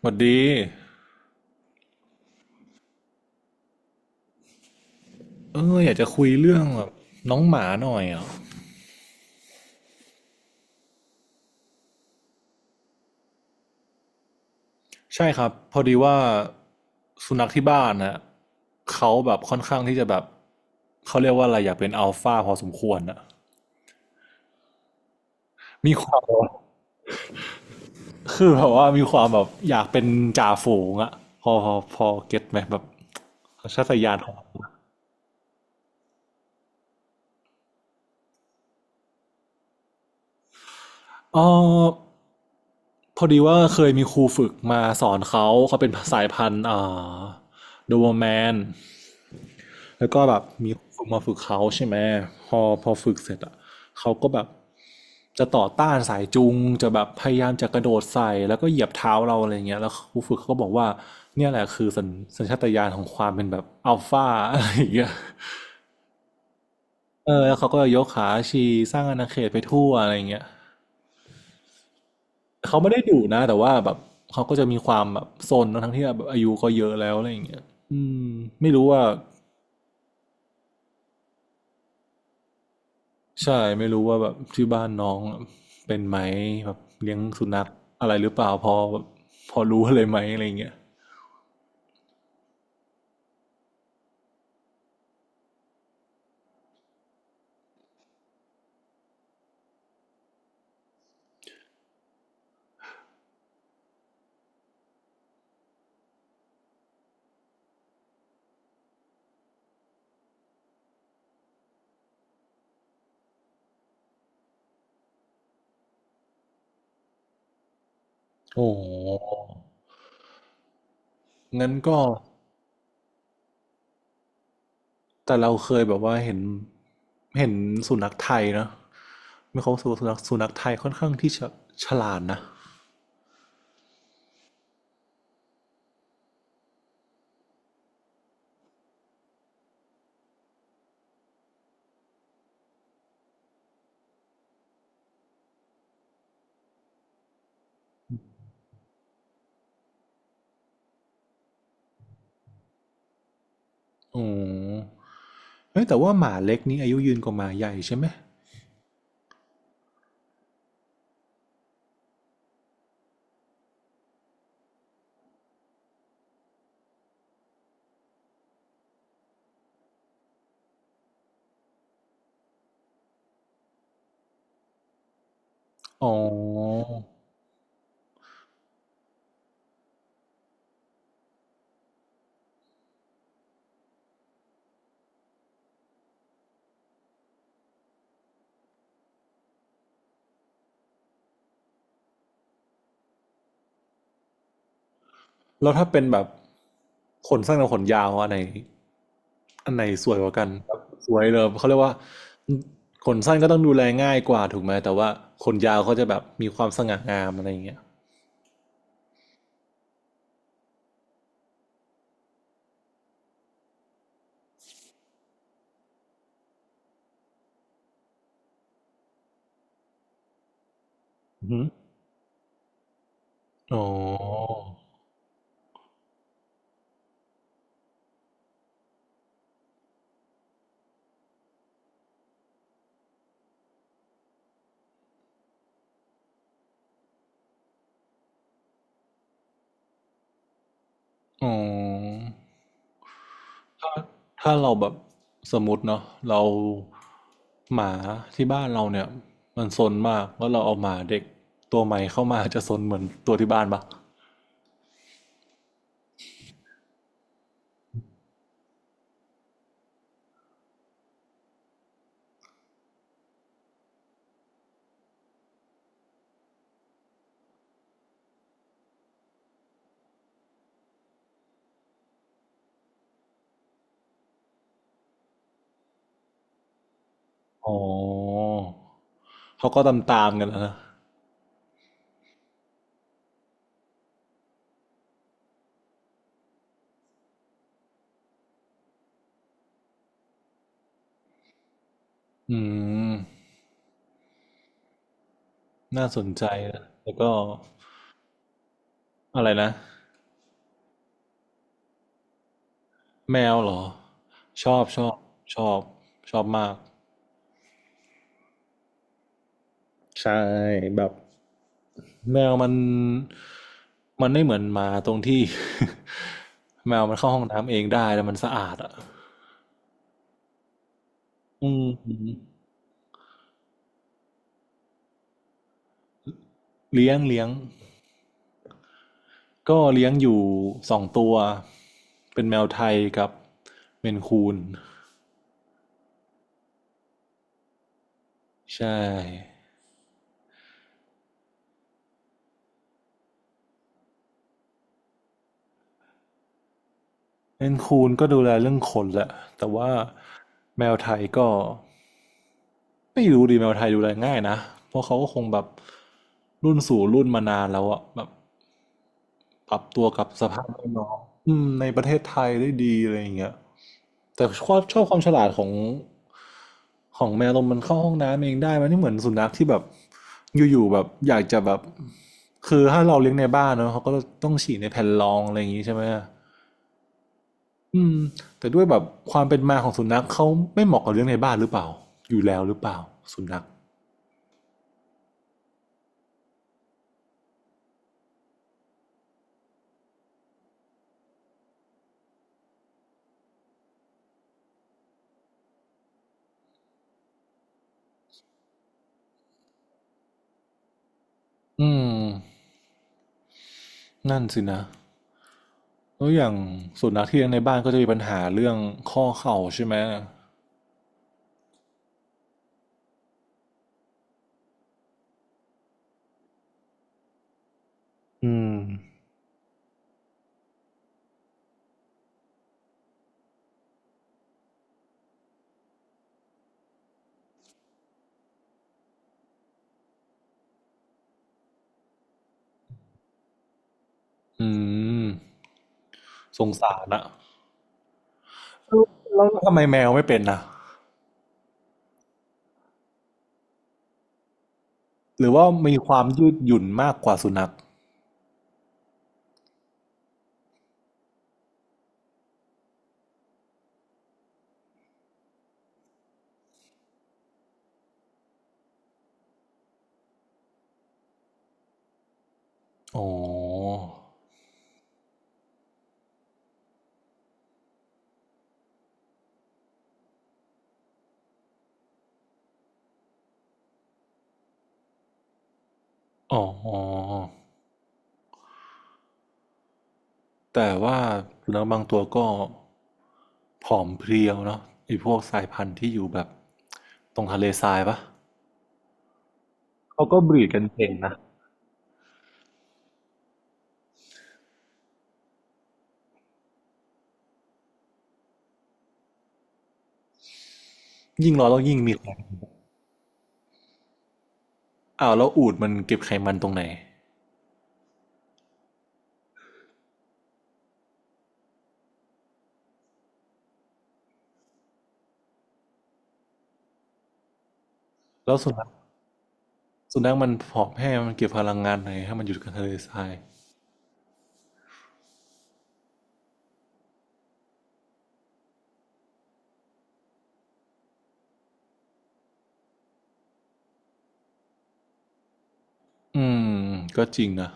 สวัสดีอยากจะคุยเรื่องแบบน้องหมาหน่อยอ่ะใช่ครับพอดีว่าสุนัขที่บ้านนะเขาแบบค่อนข้างที่จะแบบเขาเรียกว่าอะไรอยากเป็นอัลฟาพอสมควรอ่ะมีความคือแบบว่ามีความแบบอยากเป็นจ่าฝูงอ่ะพอเก็ตไหมแบบสัญชาตญาณของเอ๋อพอดีว่าเคยมีครูฝึกมาสอนเขาเขาเป็นสายพันธุ์าโดเบอร์แมน แล้วก็แบบมีฝึกมาฝึกเขาใช่ไหมพอฝึกเสร็จอ่ะเขาก็แบบจะต่อต้านสายจูงจะแบบพยายามจะกระโดดใส่แล้วก็เหยียบเท้าเราอะไรเงี้ยแล้วครูฝึกเขาก็บอกว่าเนี่ยแหละคือสัญชาตญาณของความเป็นแบบอัลฟาอะไรอย่างเงี้ยเออแล้วเขาก็ยกขาชีสร้างอาณาเขตไปทั่วอะไรเงี้ยเขาไม่ได้ดุนะแต่ว่าแบบเขาก็จะมีความแบบซนทั้งที่แบบอายุก็เยอะแล้วอะไรอย่างเงี้ยอืมไม่รู้ว่า ใช่ไม่รู้ว่าแบบที่บ้านน้องเป็นไหมแบบเลี้ยงสุนัขอะไรหรือเปล่าพอแบบพอรู้อะไรไหมอะไรเงี้ยโอ้โหงั้นก็แต่เราเคยแบบว่าเห็นสุนัขไทยนะไม่เขาสุนัขไทยค่อนข้างที่จะฉลาดนะอ๋อเฮ้ยแต่ว่าหมาเล็กนี้อายุยืนกว่าหมาใหญ่ใช่ไหมอ๋อ แล้วถ้าเป็นแบบขนสั้นกับขนยาวอันไหนอันไหนสวยกว่ากันแบบสวยเลยเขาเรียกว่าขนสั้นก็ต้องดูแลง่ายกว่าถูกไหมแต่ว่าขนยาวเขาจะแบบมีความสง่างามอะไรอย่างเงี้ยอือหืออ๋ออ๋อถ้าถ้าเราแบบสมมติเนาะเราหมาที่บ้านเราเนี่ยมันซนมากแล้วเราเอาหมาเด็กตัวใหม่เข้ามาจะซนเหมือนตัวที่บ้านปะอ๋อเขาก็ตามกันแล้วนะ อืมน่าสนใจนะแล้วก็อะไรนะแมวเหรอชอบชอบชอบชอบมากใช่แบบแมวมันไม่เหมือนหมาตรงที่ แมวมันเข้าห้องน้ำเองได้แล้วมันสะอาดอ่ะอืมเลี้ยงก็เลี้ยงอยู่สองตัวเป็นแมวไทยกับเมนคูนใช่เมนคูนก็ดูแลเรื่องขนแหละแต่ว่าแมวไทยก็ ไม่รู้ดีแมวไทยดูแลง่ายนะเพราะเขาก็คงแบบรุ่นสู่รุ่นมานานแล้วอะแบบปรับตัวกับสภาพแวดล้อมอืมในประเทศไทยได้ดีอะไรอย่างเงี้ยแต่ชอบความฉลาดของของแมวตรงมันเข้าห้องน้ำเองได้มันไม่เหมือนสุนัขที่แบบอยู่ๆแบบอยากจะแบบคือถ้าเราเลี้ยงในบ้านเนาะเขาก็ต้องฉี่ในแผ่นรองอะไรอย่างงี้ใช่ไหมอืมแต่ด้วยแบบความเป็นมาของสุนัขเขาไม่เหมาะกับเลี้ยงในบ้านหรือเปล่าอยู่แล้วหรือเปล่าสุนัขอืมนั่นสินะ แล้วอย่างสุนัขที่เลี้ยงในบ้านก็จะมีปัญหาเรื่องข้อเข่าใช่ไหมอืมอืมสงสารอะแล้วทำไมแมวไม่เป็นนะหรือว่ามีความยืดหยุ่นมากกว่าสุนัขอ๋ออ๋อ แต่ว่าสุนัขบางตัวก็ผอมเพรียวเนาะไอ้พวกสายพันธุ์ที่อยู่แบบตรงทะเลทรายปะเขาก็บรีดกันเก่งนะ ยิ่งร้อนแล้วยิ่งมีแรงอ้าวแล้วอูฐมันเก็บไขมันตรงไหนแล้วสุนัข สุนัขมันผอมแห้งมันเก็บพลังงานไหนให้มันอยู่กับทะเลทรายอืมก็จริงนะ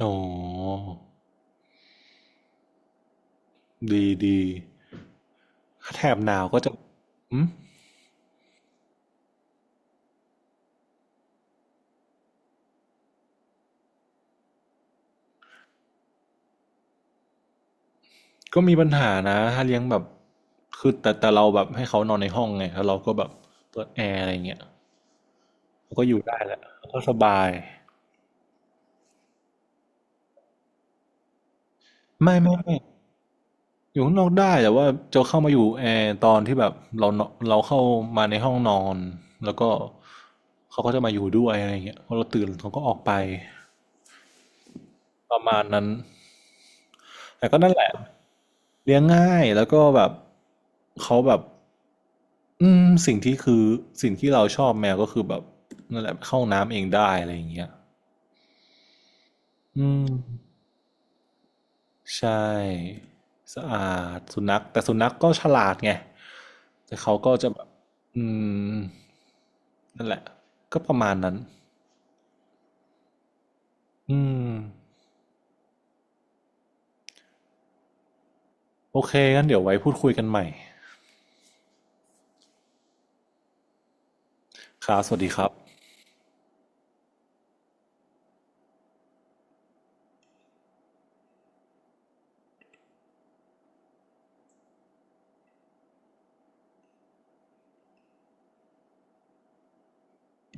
โอ้ดีดีแถบหนาวก็จะอืมก็มีปัญหานะถ้าเลี้ยงแบบคือแต่เราแบบให้เขานอนในห้องไงแล้วเราก็แบบเปิดแอร์อะไรเงี้ยเขาก็อยู่ได้แหละเขาก็สบายไม่อยู่ข้างนอกได้แต่ว่าจะเข้ามาอยู่แอร์ตอนที่แบบเราเนเราเข้ามาในห้องนอนแล้วก็เขาก็จะมาอยู่ด้วยอะไรเงี้ยพอเราตื่นเขาก็ออกไป ประมาณนั้น แต่ก็นั่นแหละเลี้ยงง่ายแล้วก็แบบเขาแบบอืมสิ่งที่คือสิ่งที่เราชอบแมวก็คือแบบนั่นแหละเข้าน้ำเองได้อะไรอย่างเงี้ยอืมใช่สะอาดสุนัขแต่สุนัขก็ฉลาดไงแต่เขาก็จะแบบอืมนั่นแหละก็ประมาณนั้นอืมโอเคงั้นเดี๋ยวไว้พูดคุยกันใหม่ครับสวัสดีครับ